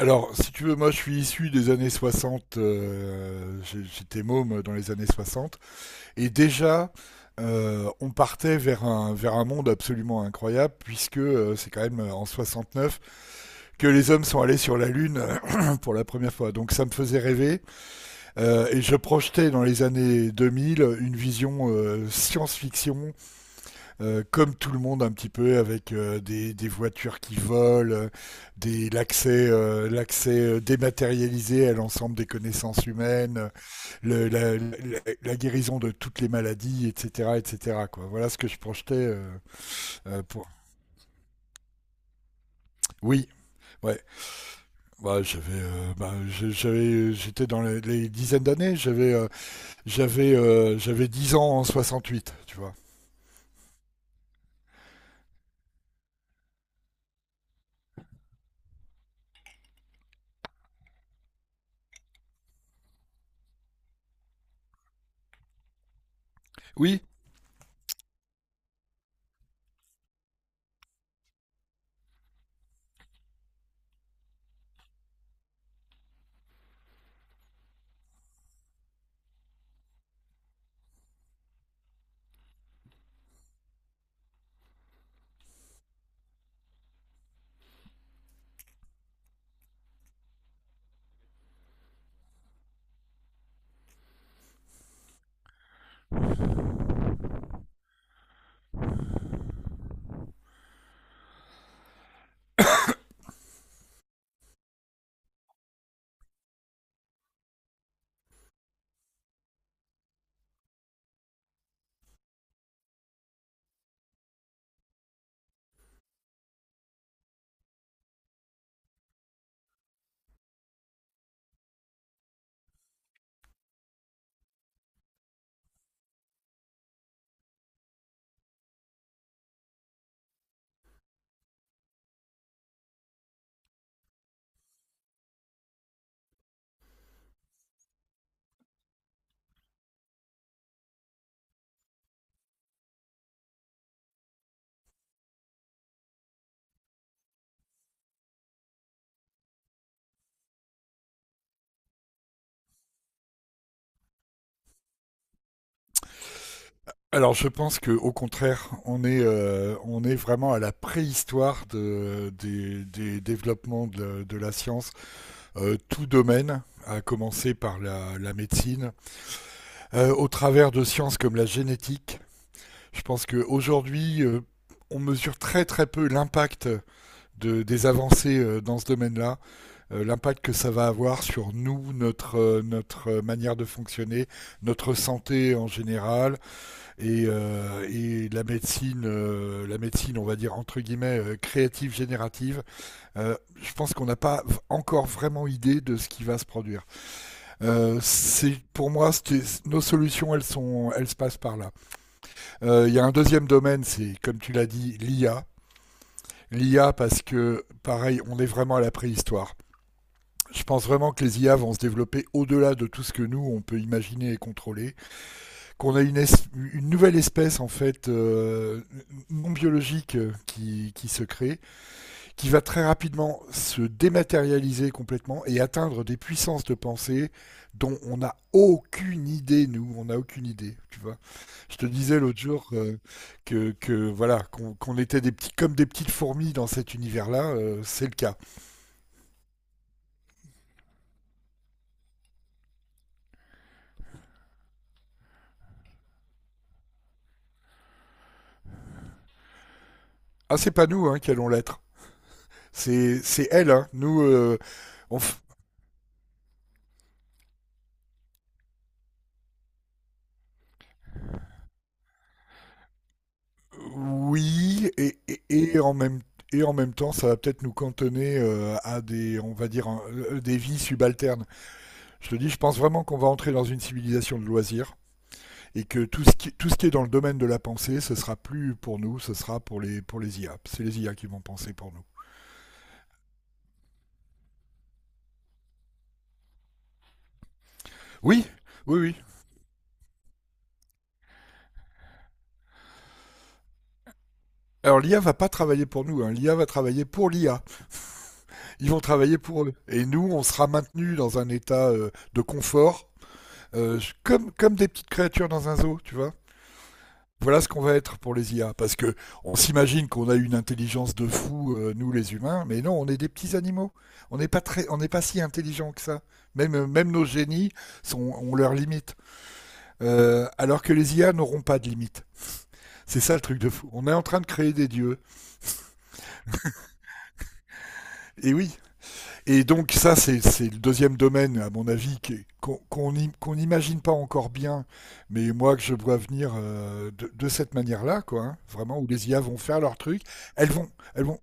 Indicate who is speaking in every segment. Speaker 1: Alors, si tu veux, moi je suis issu des années 60. J'étais môme dans les années 60, et déjà, on partait vers un monde absolument incroyable, puisque c'est quand même en neuf que les hommes sont allés sur la Lune pour la première fois. Donc ça me faisait rêver, et je projetais dans les années 2000 une vision, science-fiction, comme tout le monde un petit peu, avec des voitures qui volent, l'accès, l'accès, dématérialisé à l'ensemble des connaissances humaines, la guérison de toutes les maladies, etc., etc. Quoi. Voilà ce que je projetais, pour. Oui, ouais. Bah, j'avais, bah, je- j'avais, j'étais dans les, dizaines d'années. J'avais 10 ans en 68, tu vois. Oui. Alors je pense que, au contraire, on est vraiment à la préhistoire des développements de la science. Tout domaine, à commencer par la, médecine. Au travers de sciences comme la génétique. Je pense qu'aujourd'hui, on mesure très très peu l'impact des avancées, dans ce domaine-là, l'impact que ça va avoir sur nous, notre manière de fonctionner, notre santé en général, et la médecine, on va dire, entre guillemets, créative, générative. Je pense qu'on n'a pas encore vraiment idée de ce qui va se produire. C'est pour moi, nos solutions, elles se passent par là. Il y a un deuxième domaine, c'est comme tu l'as dit, l'IA. L'IA, parce que pareil, on est vraiment à la préhistoire. Je pense vraiment que les IA vont se développer au-delà de tout ce que nous on peut imaginer et contrôler. Qu'on a une, une nouvelle espèce en fait, non biologique, qui se crée, qui va très rapidement se dématérialiser complètement et atteindre des puissances de pensée dont on n'a aucune idée. Nous, on n'a aucune idée, tu vois. Je te disais l'autre jour, voilà qu'on était des petits, comme des petites fourmis dans cet univers-là. C'est le cas. Ah, c'est pas nous, hein, qui allons l'être, c'est elles, hein. On f- Oui, et en même temps, ça va peut-être nous cantonner, à des, on va dire, des vies subalternes. Je te dis, je pense vraiment qu'on va entrer dans une civilisation de loisirs, et que tout ce qui est dans le domaine de la pensée, ce sera plus pour nous, ce sera pour les IA. C'est les IA qui vont penser pour nous. Oui, oui, oui. Alors l'IA va pas travailler pour nous, hein. L'IA va travailler pour l'IA. Ils vont travailler pour eux. Et nous, on sera maintenus dans un état, de confort, comme des petites créatures dans un zoo, tu vois. Voilà ce qu'on va être pour les IA, parce que on s'imagine qu'on a une intelligence de fou, nous les humains. Mais non, on est des petits animaux. On n'est pas si intelligent que ça. Même nos génies ont leurs limites. Alors que les IA n'auront pas de limites. C'est ça le truc de fou. On est en train de créer des dieux. Et oui. Et donc ça, c'est le deuxième domaine, à mon avis, qu'on n'imagine pas encore bien, mais moi que je vois venir, de cette manière-là, quoi, hein. Vraiment, où les IA vont faire leur truc. Elles vont, elles vont,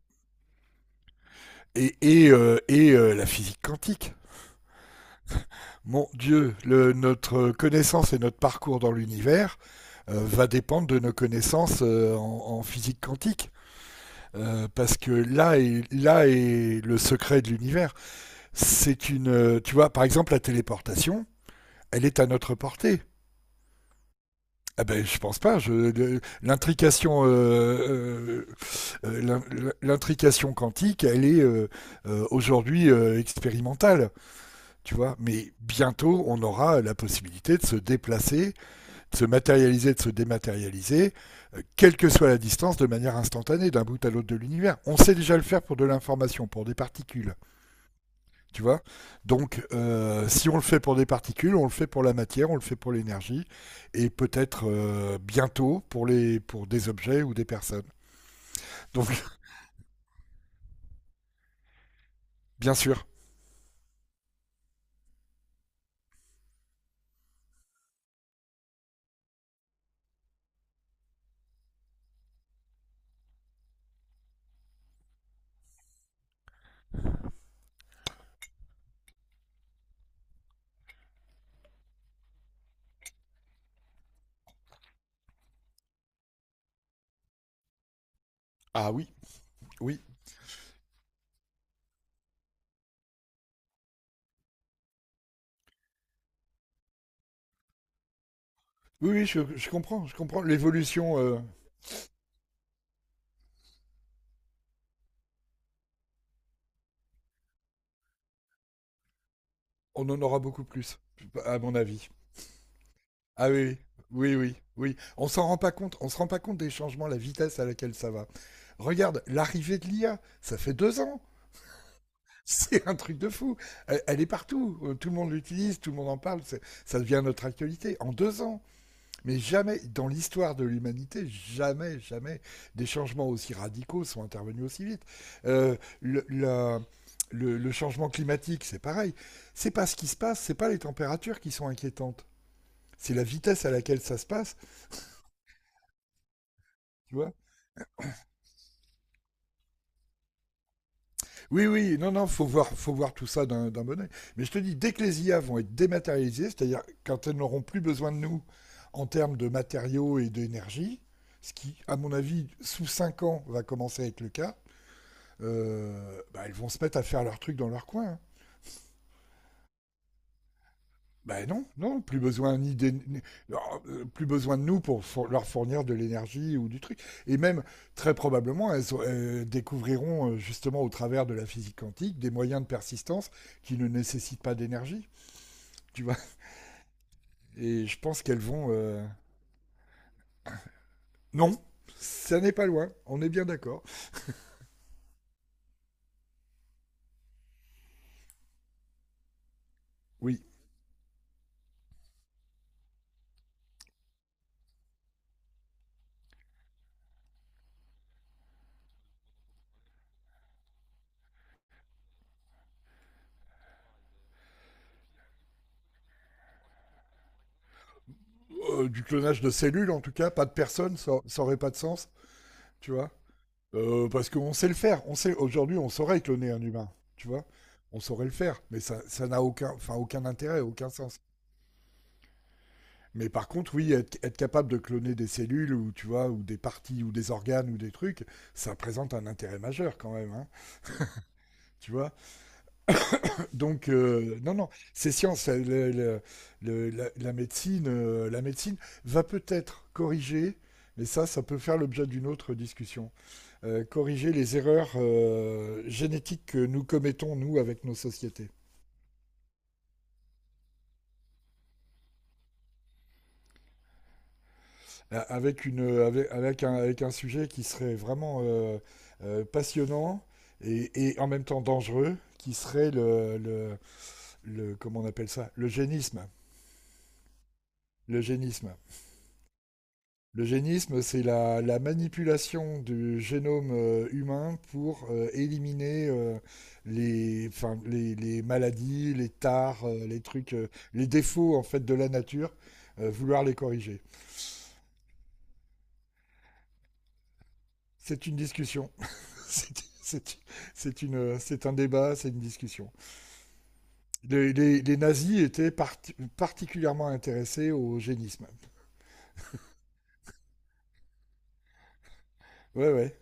Speaker 1: et la physique quantique. Mon Dieu, notre connaissance et notre parcours dans l'univers va dépendre de nos connaissances, en physique quantique. Parce que là est le secret de l'univers. Tu vois, par exemple, la téléportation, elle est à notre portée. Ah ben, je pense pas. Euh, l'in- l'intrication quantique, elle est, aujourd'hui, expérimentale. Tu vois, mais bientôt, on aura, la possibilité de se déplacer, de se matérialiser, de se dématérialiser, quelle que soit la distance, de manière instantanée, d'un bout à l'autre de l'univers. On sait déjà le faire pour de l'information, pour des particules, tu vois. Donc, si on le fait pour des particules, on le fait pour la matière, on le fait pour l'énergie, et peut-être, bientôt, pour des objets ou des personnes. Donc, bien sûr. Ah oui, oui. Oui, oui, je comprends, je comprends. L'évolution, on en aura beaucoup plus, à mon avis. Ah oui, oui, oui, oui. Oui. On s'en rend pas compte, on se rend pas compte des changements, la vitesse à laquelle ça va. Regarde, l'arrivée de l'IA, ça fait 2 ans. C'est un truc de fou. Elle est partout. Tout le monde l'utilise, tout le monde en parle. Ça devient notre actualité en 2 ans. Mais jamais, dans l'histoire de l'humanité, jamais, jamais, des changements aussi radicaux sont intervenus aussi vite. Euh, le, la- le changement climatique, c'est pareil. C'est pas ce qui se passe, c'est pas les températures qui sont inquiétantes. C'est la vitesse à laquelle ça se passe, tu vois. Oui, oui, non, non, faut voir tout ça d'un bon oeil. Mais je te dis, dès que les IA vont être dématérialisées, c'est-à-dire quand elles n'auront plus besoin de nous en termes de matériaux et d'énergie, ce qui, à mon avis, sous 5 ans, va commencer à être le cas, bah, elles vont se mettre à faire leur truc dans leur coin, hein. Ben non, non, plus besoin ni d'é- ni- alors, plus besoin de nous pour leur fournir de l'énergie ou du truc. Et même, très probablement, elles découvriront, justement au travers de la physique quantique, des moyens de persistance qui ne nécessitent pas d'énergie, tu vois. Et je pense qu'elles vont... Non, ça n'est pas loin, on est bien d'accord. Oui. Du clonage de cellules en tout cas, pas de personnes, ça n'aurait pas de sens, tu vois. Parce qu'on sait le faire. On sait aujourd'hui, on saurait cloner un humain, tu vois. On saurait le faire, mais ça n'a aucun, enfin, aucun intérêt, aucun sens. Mais par contre, oui, être capable de cloner des cellules, ou tu vois, ou des parties ou des organes ou des trucs, ça présente un intérêt majeur quand même, hein, tu vois. Donc, non, non, c'est science. La médecine va peut-être corriger, mais ça peut faire l'objet d'une autre discussion. Corriger les erreurs, génétiques que nous commettons, nous, avec nos sociétés. Avec, une, avec, avec un, Avec un sujet qui serait vraiment, passionnant, et en même temps dangereux, qui serait comment on appelle ça, le génisme. Le génisme. L'eugénisme, c'est la manipulation du génome, humain, pour éliminer, les, enfin, les maladies, les tares, les trucs, les défauts en fait de la nature, vouloir les corriger. C'est une discussion. C'est- C'est c'est un débat, c'est une discussion. Les nazis étaient particulièrement intéressés au génisme. Ouais, ouais.